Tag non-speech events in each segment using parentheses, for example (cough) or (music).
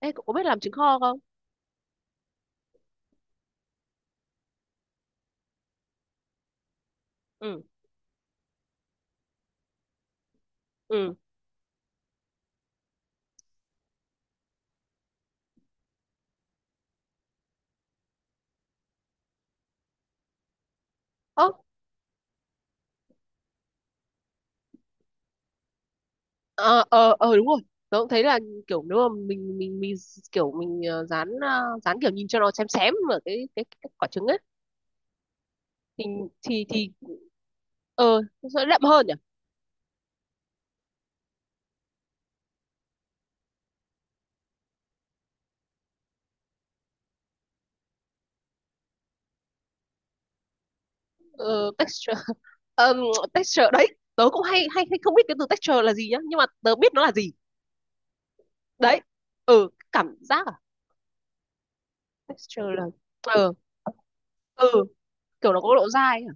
Ê, cậu có biết làm trứng kho không? Ừ, ừ. Ơ, ờ, đúng rồi. Tớ cũng thấy là kiểu nếu mà mình kiểu mình dán, kiểu nhìn cho nó xém xém ở cái quả trứng ấy, thì thì thì ờ nó sẽ đậm hơn nhỉ? Ờ Texture. (laughs) Ờm, Texture đấy. Tớ cũng hay hay hay không biết cái từ texture là gì nhá, nhưng mà tớ biết nó là gì. Đấy. Ừ, cảm giác à? Texture là, ờ ừ, kiểu nó có độ dai à?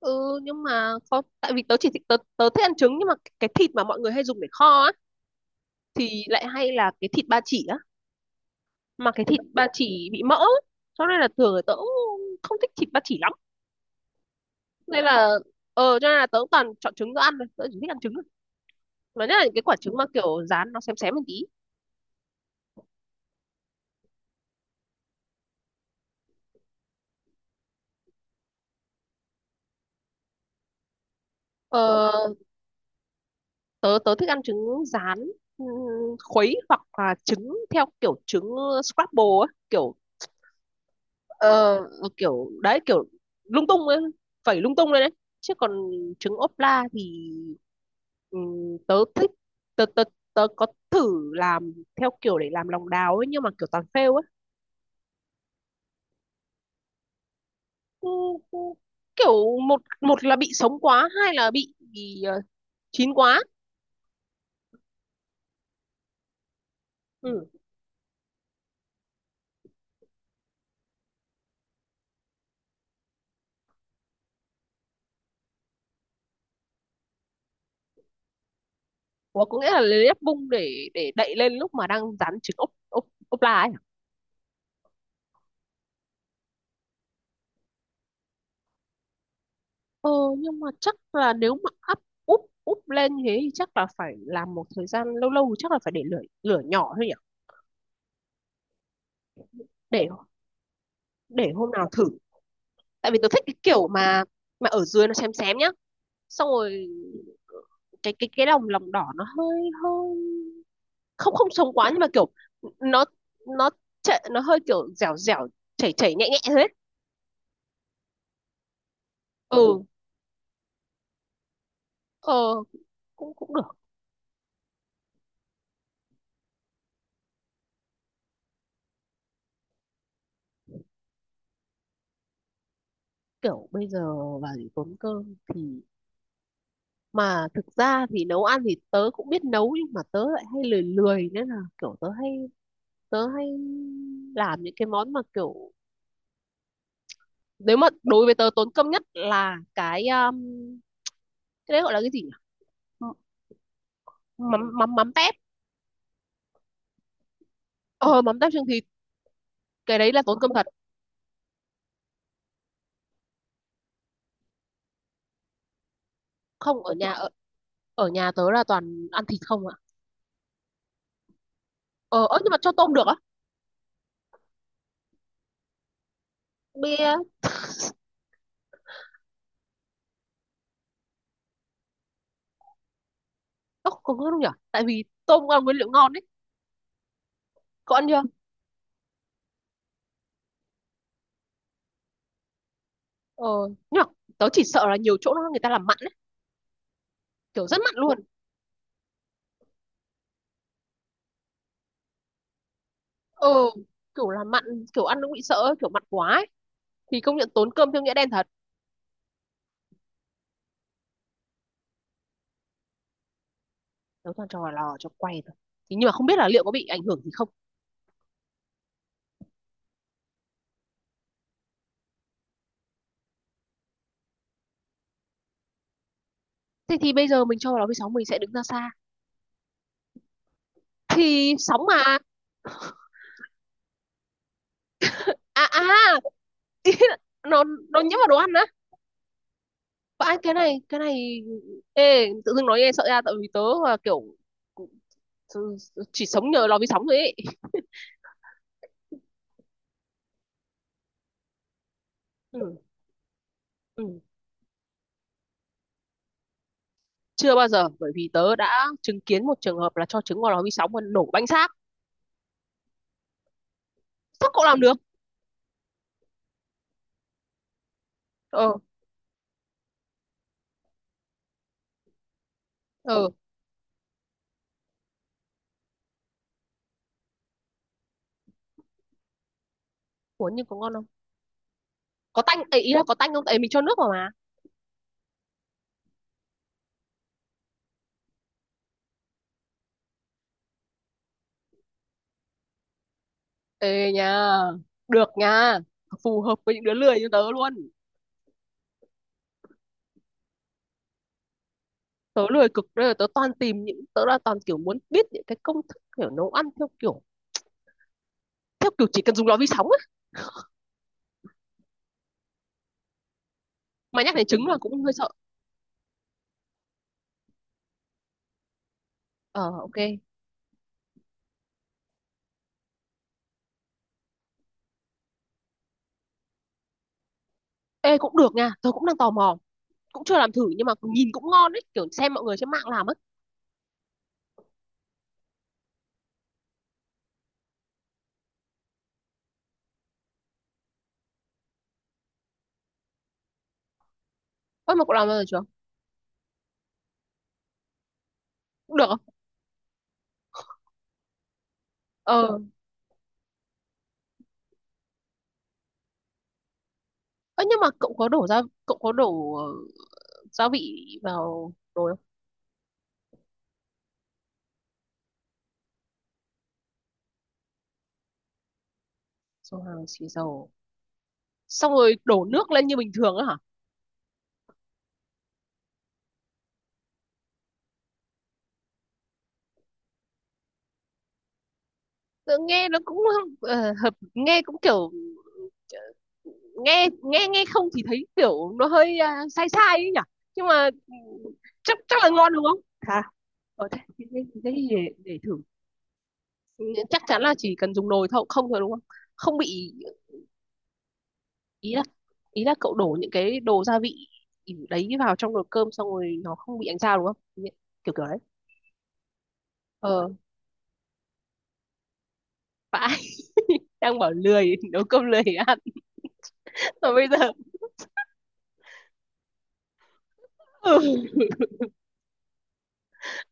Ừ, nhưng mà có, tại vì tớ thích ăn trứng, nhưng mà cái thịt mà mọi người hay dùng để kho á thì lại hay là cái thịt ba chỉ á, mà cái thịt ba chỉ bị mỡ, cho nên là thường là tớ cũng không thích thịt ba chỉ lắm, nên là cho nên là tớ cũng toàn chọn trứng tớ ăn thôi, tớ chỉ thích ăn trứng thôi, mà nhất là những cái quả trứng mà kiểu rán nó xém xém một tí. Ờ tớ tớ thích ăn trứng rán, ừm, khuấy hoặc là trứng theo kiểu trứng scramble á kiểu. Ờ, kiểu đấy kiểu lung tung ấy, phẩy lung tung lên đấy. Chứ còn trứng ốp la thì, tớ thích tớ, tớ, tớ có thử làm theo kiểu để làm lòng đào ấy, nhưng mà kiểu toàn fail ấy. Ừ, ừ, kiểu một một là bị sống quá, hai là chín quá. Ừ. Ủa, có nghĩa là lấy ép bung để đậy lên lúc mà đang rán trứng ốp ốp ốp la ấy. Ờ, nhưng mà chắc là nếu mà up úp úp lên thế thì chắc là phải làm một thời gian lâu lâu, chắc là phải để lửa lửa nhỏ thôi nhỉ. Để để hôm nào thử, tại vì tôi thích cái kiểu mà ở dưới nó xém xém nhá, xong rồi cái lòng lòng đỏ nó hơi hơi không không sống quá, nhưng mà kiểu nó nó chảy, nó hơi kiểu dẻo dẻo, chảy chảy nhẹ nhẹ thế. Ừ, ờ cũng cũng được. Kiểu bây giờ vào để tốn cơm thì, mà thực ra thì nấu ăn thì tớ cũng biết nấu, nhưng mà tớ lại hay lười lười, nên là kiểu tớ hay làm những cái món mà kiểu, nếu mà đối với tớ, tốn công nhất là cái đấy gọi là cái gì nhỉ? M- mắm mắm mắm tép. Ờ, mắm tép chưng thịt, cái đấy là tốn công thật. Không, ở nhà tớ là toàn ăn thịt không ạ. Ờ Ơ, nhưng mà cho tôm được á. Bia. Ơ, không có đâu nhỉ, tại vì tôm cũng là nguyên liệu ngon đấy. Có ăn chưa. ờ nhưng mà tớ chỉ sợ là nhiều chỗ nó người ta làm mặn ấy, kiểu rất mặn luôn. Ừ, kiểu là mặn, kiểu ăn cũng bị sợ ấy, kiểu mặn quá ấy. Thì công nhận tốn cơm theo nghĩa đen thật. Nấu toàn cho vào lò cho quay thôi, thì nhưng mà không biết là liệu có bị ảnh hưởng gì không. Thế thì bây giờ mình cho vào lò vi sóng mình sẽ đứng ra xa, thì sóng mà. À, à. (laughs) Nó nhiễm vào đồ ăn á. Và anh cái này cái này, ê tự dưng nói nghe sợ ra, tại vì tớ là kiểu chỉ sống nhờ lò vi sóng rồi ấy. Ừ, ừ. Chưa bao giờ, bởi vì tớ đã chứng kiến một trường hợp là cho trứng vào lò vi sóng và nổ bánh xác. Sao cậu làm được. Ờ, ờ. Ủa, nhưng có ngon không? Có tanh ấy, ý là có tanh không? Tại mình cho nước vào mà. Ê nha, được nha. Phù hợp với những đứa lười như tớ luôn. Tớ lười cực đây, là tớ toàn tìm những, tớ là toàn kiểu muốn biết những cái công thức kiểu nấu ăn theo kiểu, chỉ cần dùng lò vi sóng á. Mà nhắc đến trứng là cũng hơi sợ. Ờ, ok. Ê cũng được nha, tớ cũng đang tò mò. Cũng chưa làm thử nhưng mà nhìn cũng ngon ấy, kiểu xem mọi người trên mạng làm ấy. Ơ, mà cậu làm bao giờ chưa? Cũng được không? Ờ. Ơ, nhưng mà cậu có đổ gia vị vào nồi không? Xong hàng xì dầu, xong rồi đổ nước lên như bình thường á hả. Tự nghe nó cũng hợp, nghe cũng kiểu, nghe nghe nghe không thì thấy kiểu nó hơi sai sai ấy nhỉ, nhưng mà ừ, chắc chắc là ngon đúng không hả? Ở thế thì để thử. Ừ, chắc chắn là chỉ cần dùng nồi thôi không thôi đúng không, không bị, ý là cậu đổ những cái đồ gia vị đấy vào trong nồi cơm xong rồi nó không bị ánh sao đúng không? Nhẹ- kiểu kiểu đấy. ờ Vãi. (laughs) Đang bảo lười nấu cơm lười ăn mà bây giờ. (laughs)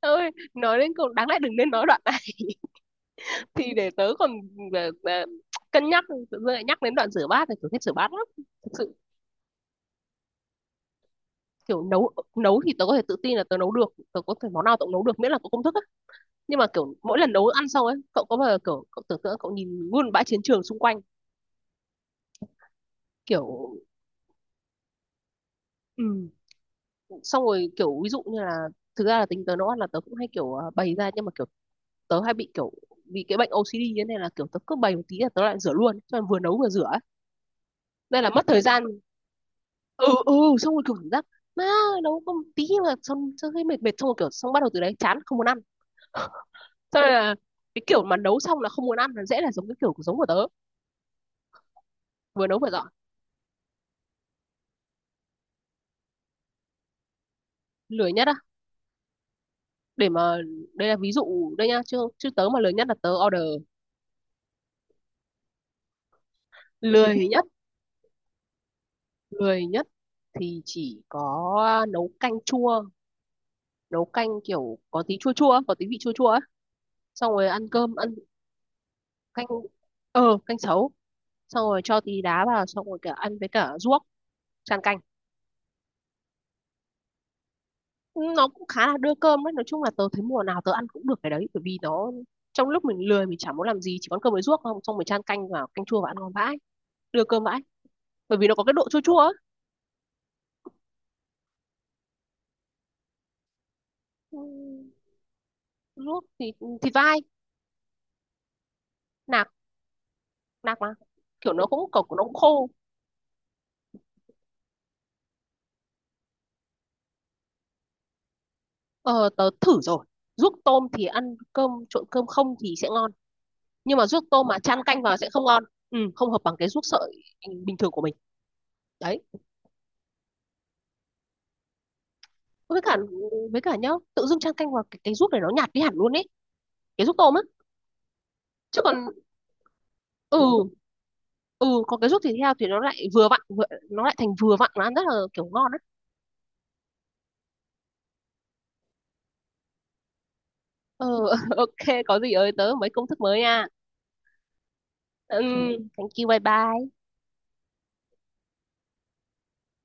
Ơi, nói đến cùng đáng lẽ đừng nên nói đoạn này. (laughs) Thì để tớ còn ờ, ờ, cân nhắc, tự dưng lại nhắc đến đoạn rửa bát thì tớ thích rửa bát lắm thực sự. Kiểu nấu nấu thì tớ có thể tự tin là tớ nấu được, tớ có thể món nào tớ cũng nấu được miễn là có công thức á, nhưng mà kiểu mỗi lần nấu ăn xong ấy, cậu có bao giờ kiểu cậu tưởng tượng cậu nhìn luôn bãi chiến trường xung quanh kiểu, ừ, xong rồi kiểu ví dụ như là, thực ra là tính tớ nấu ăn là tớ cũng hay kiểu bày ra, nhưng mà kiểu tớ hay bị kiểu, vì cái bệnh OCD như thế này, là kiểu tớ cứ bày một tí là tớ lại rửa luôn, cho nên vừa nấu vừa rửa ấy, nên là mất thời gian. Ừ, ừ. Xong rồi kiểu cảm giác, má, nấu có một tí mà xong xong thấy mệt mệt, xong rồi kiểu xong bắt đầu từ đấy chán không muốn ăn. Xong rồi là cái kiểu mà nấu xong là không muốn ăn là dễ là giống cái kiểu của, giống của tớ, vừa nấu vừa dọn. Lười nhất á, để mà, đây là ví dụ đây nha, chứ chứ tớ mà lười nhất là tớ order. Lười nhất, lười nhất thì chỉ có nấu canh chua, nấu canh kiểu có tí chua chua, có tí vị chua chua ấy, xong rồi ăn cơm ăn canh canh sấu, xong rồi cho tí đá vào xong rồi cả ăn với cả ruốc, tràn canh. Nó cũng khá là đưa cơm đấy, nói chung là tớ thấy mùa nào tớ ăn cũng được cái đấy, bởi vì nó, trong lúc mình lười mình chẳng muốn làm gì chỉ có ăn cơm với ruốc không, xong mình chan canh vào canh chua và ăn ngon vãi, đưa cơm vãi, bởi vì nó có cái độ chua chua ấy. Ừ, ruốc thì thịt vai nạc, nạc mà kiểu nó cũng cỏ, nó cũng khô. Ờ, tớ thử rồi, ruốc tôm thì ăn cơm trộn cơm không thì sẽ ngon, nhưng mà ruốc tôm mà chan canh vào sẽ không ngon. Ừ, không hợp bằng cái ruốc sợi bình thường của mình, đấy. Với cả, nhá, tự dưng chan canh vào cái ruốc này nó nhạt đi hẳn luôn ấy, cái ruốc tôm á. Chứ còn ừ, ừ, còn cái ruốc thịt heo thì nó lại nó lại thành vừa vặn mà ăn rất là kiểu ngon á. Ừ, (laughs) ok có gì ơi tớ mấy công thức mới nha. Ừ, thank you, bye bye.